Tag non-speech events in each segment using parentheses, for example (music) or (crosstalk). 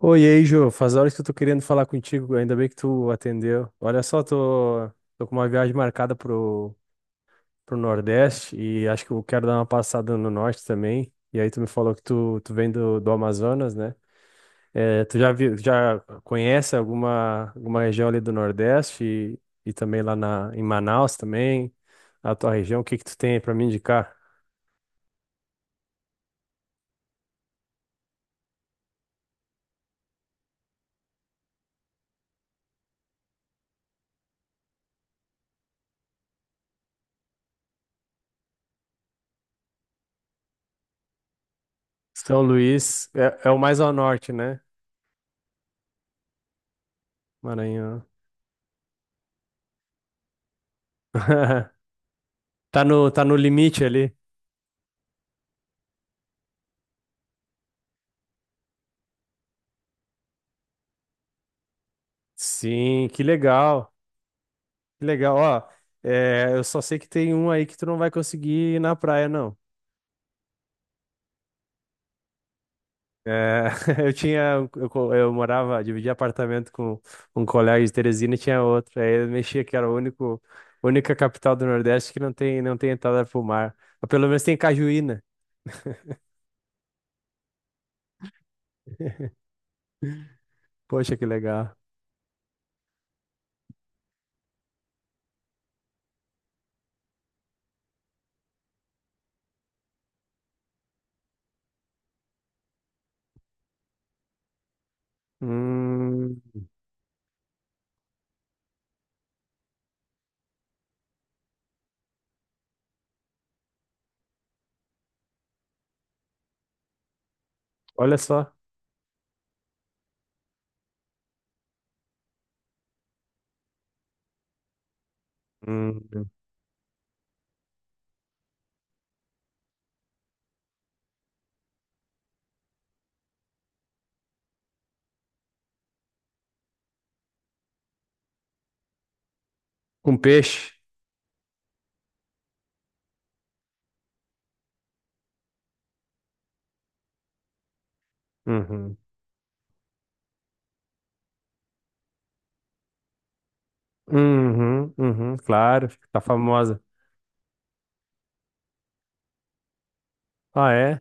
Oi, e aí, Jô. Faz horas que eu tô querendo falar contigo. Ainda bem que tu atendeu. Olha só, tô com uma viagem marcada pro Nordeste e acho que eu quero dar uma passada no Norte também. E aí tu me falou que tu vem do Amazonas, né? Tu já viu, já conhece alguma região ali do Nordeste e também em Manaus também, a tua região. O que que tu tem aí pra me indicar? São Luís é o mais ao norte, né? Maranhão. (laughs) Tá no, tá no limite ali. Sim, que legal. Que legal. Ó, eu só sei que tem um aí que tu não vai conseguir ir na praia, não. É. (laughs) eu tinha, um, eu, co- Eu morava, dividia apartamento com um colega de Teresina e tinha outro. Aí eu mexia que era única capital do Nordeste que não tem entrada pro mar. Mas pelo menos tem Cajuína. Poxa, que legal. Hum, olha só. Hum, com peixe. Uhum. Uhum, uhum, claro, tá famosa. Ah, é?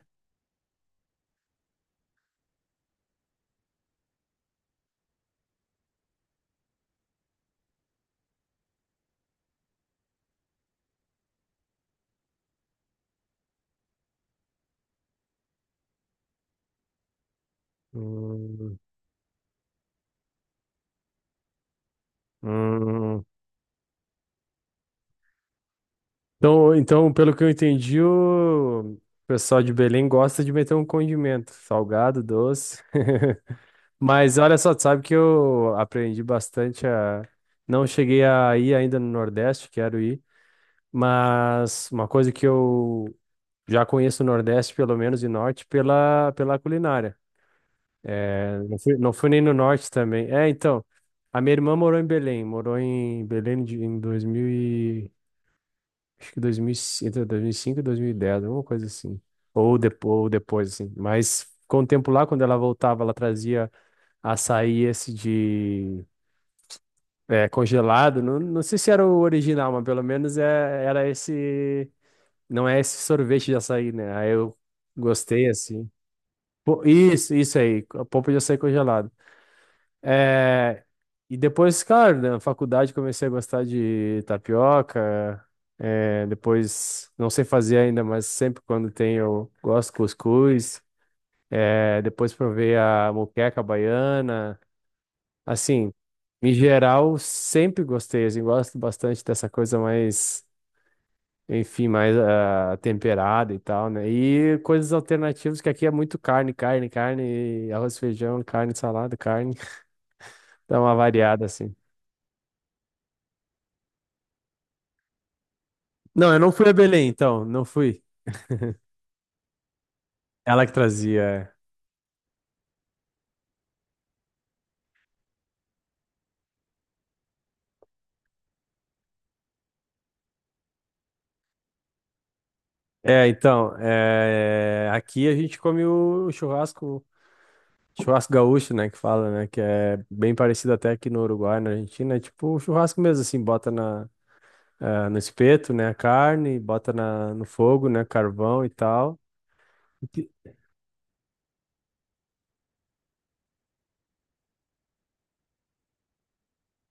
Hum, hum. Então, pelo que eu entendi, o pessoal de Belém gosta de meter um condimento, salgado, doce. (laughs) Mas olha só, tu sabe que eu aprendi bastante a. Não cheguei a ir ainda no Nordeste, quero ir, mas uma coisa que eu já conheço o Nordeste, pelo menos, e Norte, pela culinária. É, não fui nem no Norte também. É, então, a minha irmã morou em Belém, em 2000. Acho que 2000, cinco, entre 2005 e 2010, alguma coisa assim. Ou depois, assim. Mas com o tempo lá, quando ela voltava, ela trazia açaí esse de congelado. Não, não sei se era o original, mas pelo menos era esse. Não é esse sorvete de açaí, né? Aí eu gostei, assim. Pô, isso aí. A polpa de açaí congelado. É, e depois, cara, na faculdade comecei a gostar de tapioca. É, depois, não sei fazer ainda, mas sempre quando tem eu gosto de cuscuz. É, depois provei a moqueca baiana. Assim, em geral, sempre gostei. Assim, gosto bastante dessa coisa mais, enfim, mais temperada e tal, né? E coisas alternativas, que aqui é muito carne, carne, carne, arroz, feijão, carne, salada, carne. (laughs) Dá uma variada, assim. Não, eu não fui a Belém, então, não fui. Ela que trazia. É, é, então, aqui a gente come o churrasco, churrasco gaúcho, né, que fala, né, que é bem parecido até aqui no Uruguai, na Argentina, é tipo o churrasco mesmo, assim, bota no espeto, né, a carne, bota no fogo, né, carvão e tal. Ent-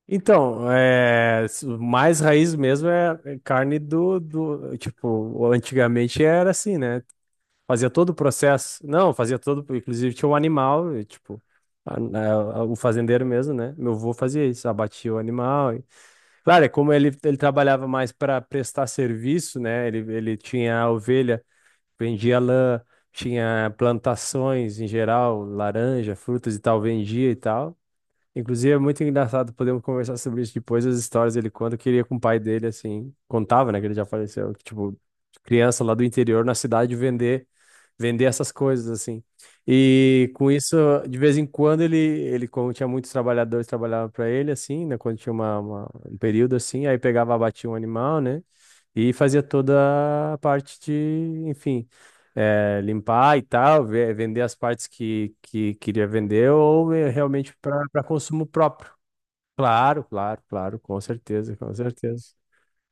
Então, mais raiz mesmo é carne do, tipo, antigamente era assim, né. Fazia todo o processo. Não, fazia todo. Inclusive tinha um animal, e, tipo, o fazendeiro mesmo, né? Meu avô fazia isso, abatia o animal. Claro, é como ele, trabalhava mais para prestar serviço, né? Ele tinha a ovelha, vendia lã, tinha plantações em geral, laranja, frutas e tal, vendia e tal. Inclusive, é muito engraçado, podemos conversar sobre isso depois, as histórias dele quando queria com o pai dele, assim, contava, né, que ele já faleceu, que, tipo, criança lá do interior, na cidade, vender, essas coisas, assim. E com isso, de vez em quando, ele como tinha muitos trabalhadores, trabalhava para ele, assim, né, quando tinha um período, assim, aí pegava, abatia um animal, né, e fazia toda a parte de, enfim, limpar e tal, vender as partes que queria vender ou realmente para consumo próprio. Claro, claro, claro, com certeza, com certeza.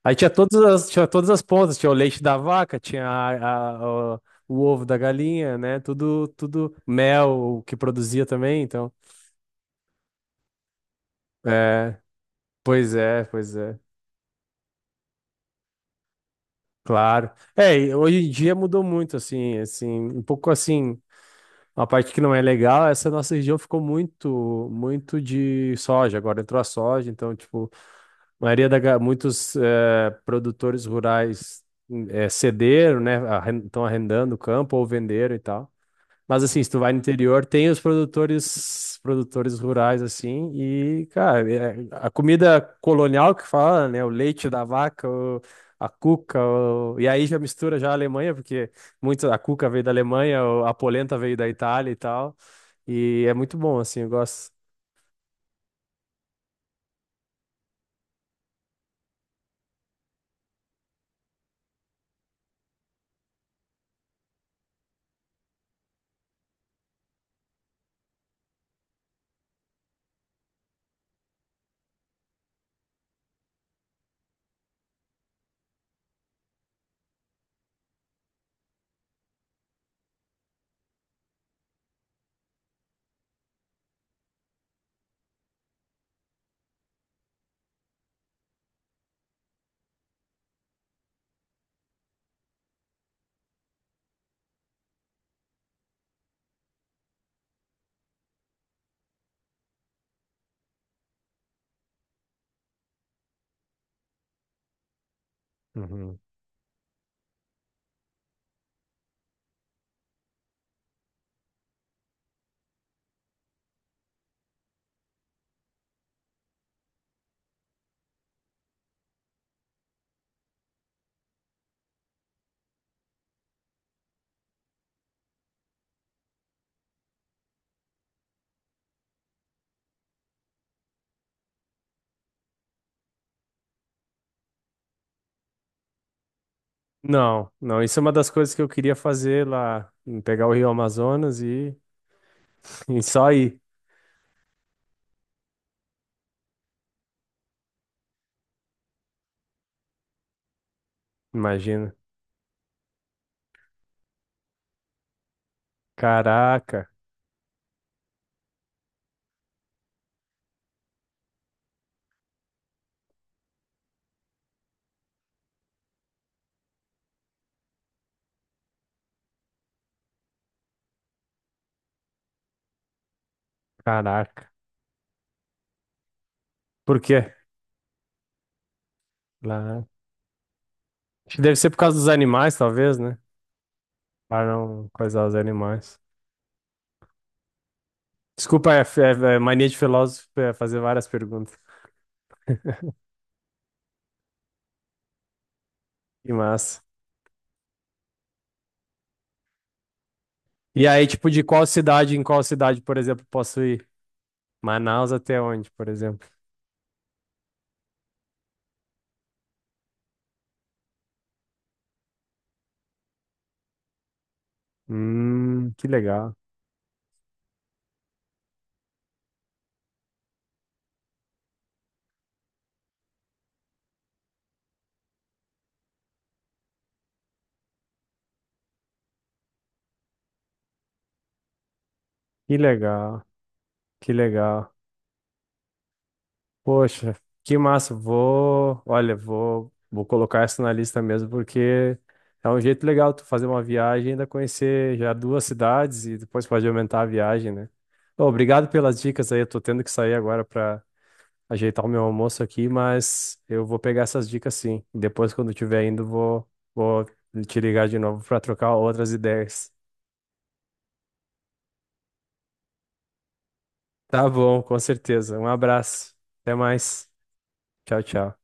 Aí tinha todas as pontas, tinha o leite da vaca, tinha o ovo da galinha, né? Tudo, tudo mel o que produzia também, então. É, pois é, pois é. Claro. É, e hoje em dia mudou muito, assim, assim, um pouco assim. Uma parte que não é legal, essa nossa região ficou muito, muito de soja. Agora entrou a soja, então, tipo, a maioria da, ga- muitos produtores rurais cederam, né? Estão arrendando o campo ou venderam e tal. Mas assim, se tu vai no interior, tem produtores rurais assim, e cara, a comida colonial que fala, né, o leite da vaca, a cuca, e aí já mistura já a Alemanha, porque muito a cuca veio da Alemanha, a polenta veio da Itália e tal. E é muito bom assim, eu gosto. Uhum. Não, não, isso é uma das coisas que eu queria fazer lá, em pegar o Rio Amazonas e, (laughs) e só ir, imagina. Caraca, caraca. Por quê? Lá. Acho que deve ser por causa dos animais, talvez, né? Para não coisar os animais. Desculpa, é mania de filósofo é fazer várias perguntas. Que massa. E aí, tipo, de qual cidade em qual cidade, por exemplo, posso ir? Manaus até onde, por exemplo? Que legal. Que legal. Que legal. Poxa, que massa. Vou, olha, vou colocar essa na lista mesmo, porque é um jeito legal tu fazer uma viagem e ainda conhecer já duas cidades e depois pode aumentar a viagem, né? Ô, obrigado pelas dicas aí. Eu tô tendo que sair agora para ajeitar o meu almoço aqui, mas eu vou pegar essas dicas sim. Depois, quando tiver indo, vou te ligar de novo para trocar outras ideias. Tá bom, com certeza. Um abraço. Até mais. Tchau, tchau.